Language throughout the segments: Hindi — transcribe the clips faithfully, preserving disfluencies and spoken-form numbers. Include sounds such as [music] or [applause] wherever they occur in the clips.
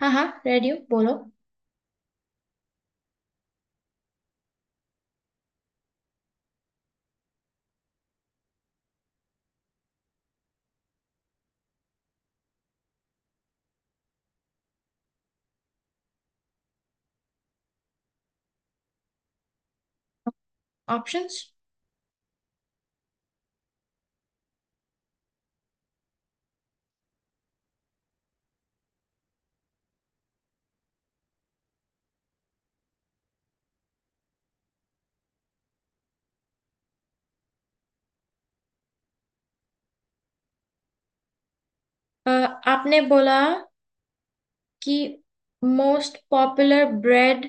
हाँ हाँ, रेडियो बोलो। ऑप्शंस। आपने बोला कि मोस्ट पॉपुलर ब्रेड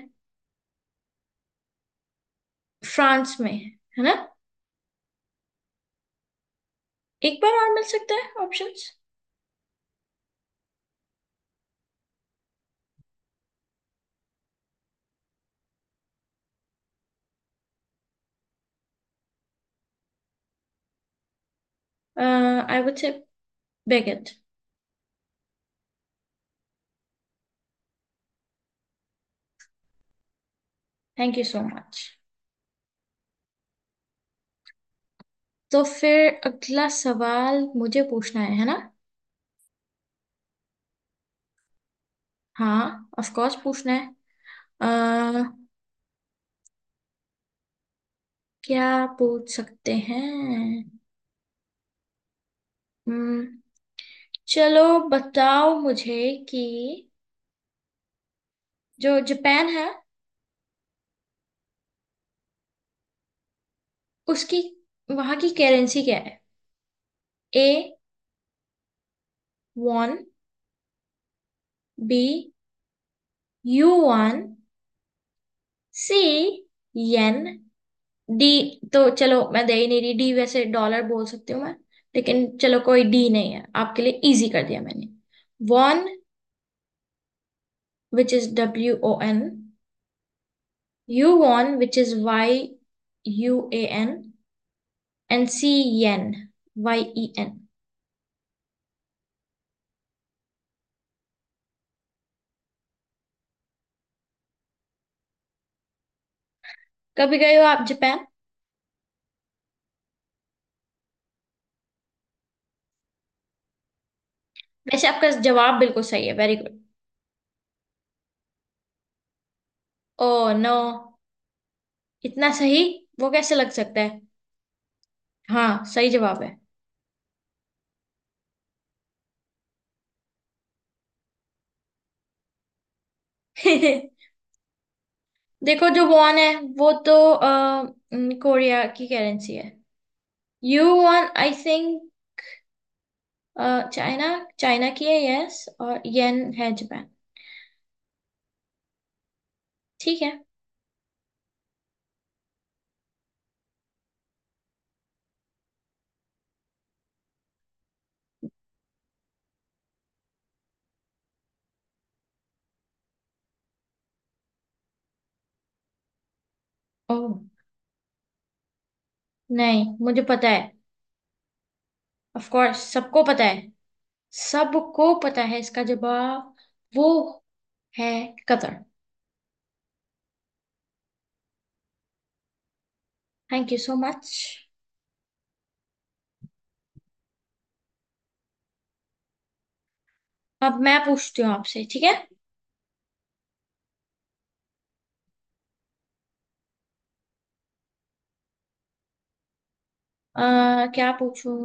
फ्रांस में है है ना? एक बार और मिल सकता है options? I would say baguette. Thank you so much. तो फिर अगला सवाल मुझे पूछना है है ना? हाँ, ऑफ कोर्स पूछना है। अ, क्या पूछ सकते हैं? Hmm, चलो, बताओ मुझे कि जो जापान है उसकी, वहां की करेंसी क्या है। A won, B yuan, C yen. D तो चलो मैं दे ही नहीं रही, डी वैसे डॉलर बोल सकती हूँ मैं, लेकिन चलो कोई डी नहीं है, आपके लिए इजी कर दिया मैंने। Won which is W O N, yuan which is Y U A N, and C yen Y E N. कभी गए हो आप जापान? वैसे आपका जवाब बिल्कुल सही है, वेरी गुड। ओ नो, इतना सही वो कैसे लग सकता है। हाँ सही जवाब है। [laughs] देखो, जो वॉन है वो तो अ, न, कोरिया की करेंसी है। You won I think. China. China की है, यस। और येन है जापान। ठीक है। ओह। नहीं, मुझे पता है। ऑफ कोर्स सबको पता है। सबको पता है इसका जवाब। वो है Qatar. Thank you so much. अब मैं पूछती हूँ आपसे, ठीक है? अ, क्या पूछूं?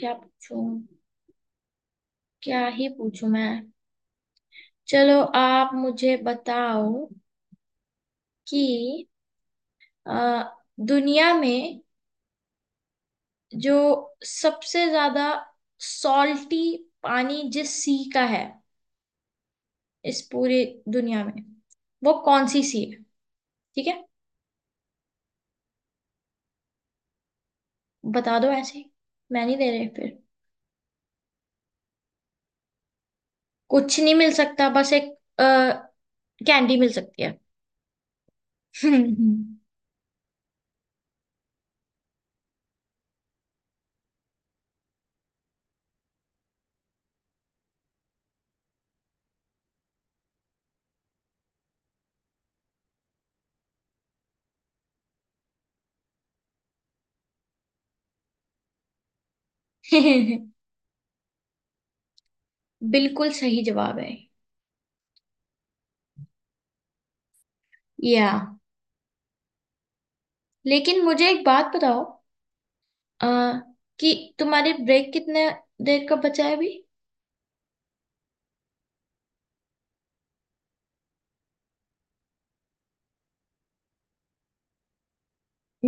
क्या पूछूं? क्या ही पूछूं मैं? चलो, आप मुझे बताओ कि अ, दुनिया में जो सबसे ज्यादा सॉल्टी पानी जिस सी का है, इस पूरी दुनिया में, वो कौन सी सी है? ठीक है, बता दो ऐसे ही। मैं नहीं दे रही फिर। कुछ नहीं मिल सकता, बस एक कैंडी मिल सकती है। [laughs] बिल्कुल सही जवाब है। या, लेकिन मुझे एक बात बताओ। आ, कि तुम्हारी ब्रेक कितने देर का बचा है अभी?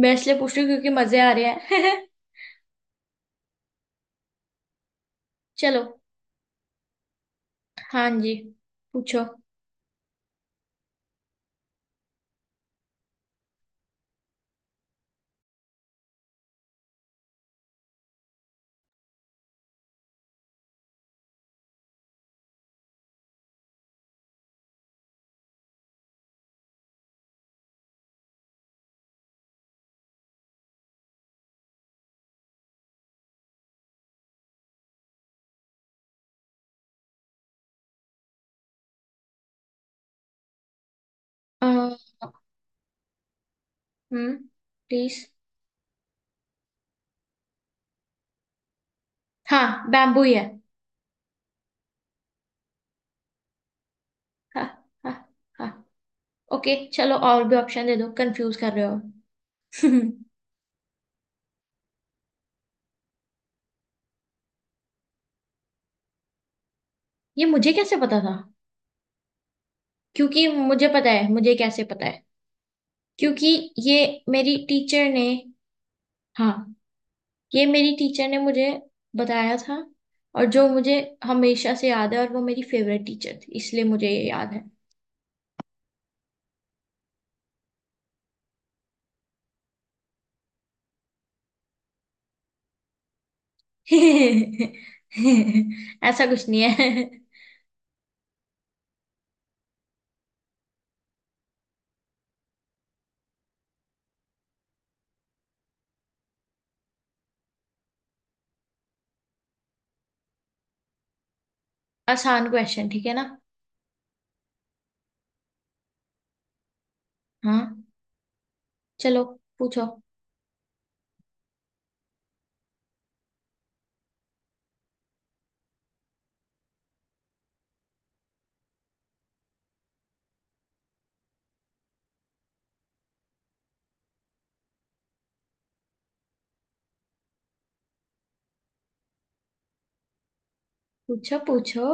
मैं इसलिए पूछ रही हूँ क्योंकि मजे आ रहे हैं। [laughs] चलो। हाँ जी, पूछो। आ, हम्म, प्लीज। हाँ, बैम्बू ही है। हाँ हाँ हाँ। ओके, चलो और भी ऑप्शन दे दो, कंफ्यूज कर रहे हो। [laughs] ये मुझे कैसे पता था? क्योंकि मुझे पता है, मुझे कैसे पता है? क्योंकि ये मेरी टीचर ने, हाँ, ये मेरी टीचर ने मुझे बताया था, और जो मुझे हमेशा से याद है, और वो मेरी फेवरेट टीचर थी इसलिए मुझे ये याद है। [laughs] ऐसा कुछ नहीं है। [laughs] आसान क्वेश्चन, ठीक है ना? हाँ, चलो। पूछो पूछो पूछो।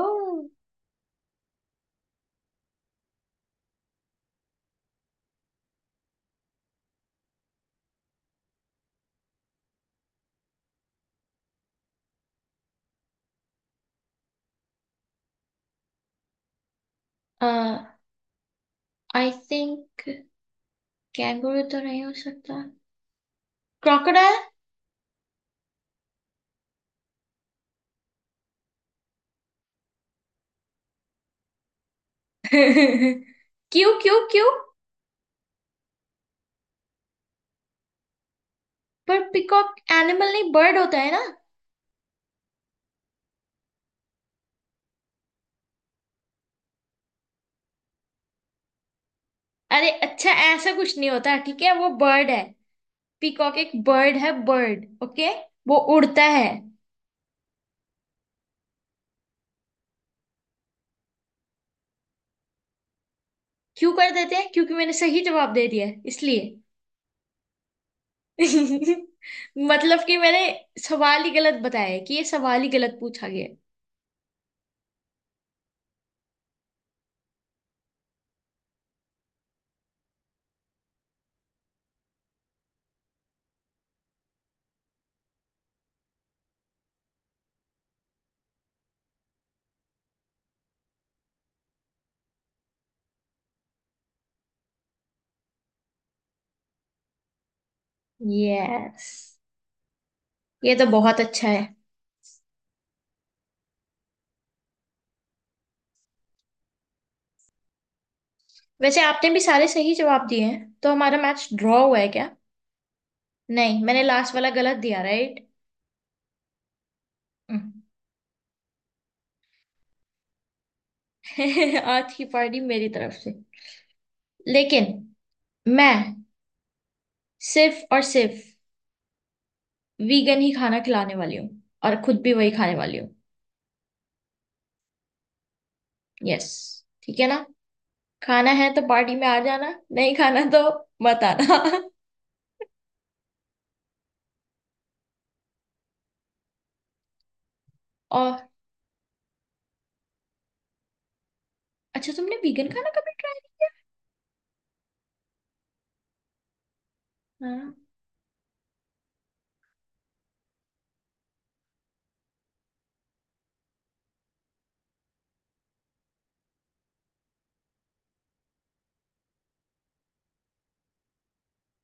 आई थिंक कैंगरू तो नहीं हो सकता। क्रोकोडाइल। [laughs] क्यों क्यों क्यों? पर पिकॉक एनिमल नहीं, बर्ड होता है ना? अरे अच्छा, ऐसा कुछ नहीं होता, ठीक है, वो बर्ड है। पीकॉक एक बर्ड है, बर्ड, ओके। वो उड़ता है। क्यों कर देते हैं, क्योंकि मैंने सही जवाब दे दिया है, इसलिए। [laughs] मतलब कि मैंने सवाल ही गलत बताया है, कि ये सवाल ही गलत पूछा गया है। यस, ये तो बहुत अच्छा है। वैसे आपने भी सारे सही जवाब दिए हैं, तो हमारा मैच ड्रॉ हुआ है क्या? नहीं, मैंने लास्ट वाला गलत दिया, राइट। [laughs] आज की पार्टी मेरी तरफ से, लेकिन मैं सिर्फ और सिर्फ वीगन ही खाना खिलाने वाली हूँ, और खुद भी वही खाने वाली हूँ। यस, ठीक है ना? खाना है तो पार्टी में आ जाना, नहीं खाना तो मत आना। [laughs] और अच्छा, तुमने वीगन खाना कभी? हाँ,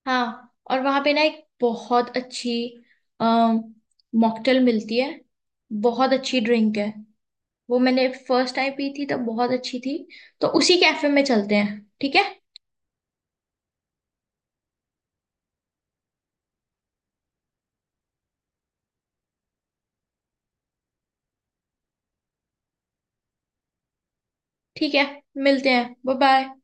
हाँ, और वहां पे ना एक बहुत अच्छी मॉकटेल मिलती है, बहुत अच्छी ड्रिंक है। वो मैंने फर्स्ट टाइम पी थी तब, बहुत अच्छी थी। तो उसी कैफे में चलते हैं, ठीक है? ठीक है, मिलते हैं, बाय बाय।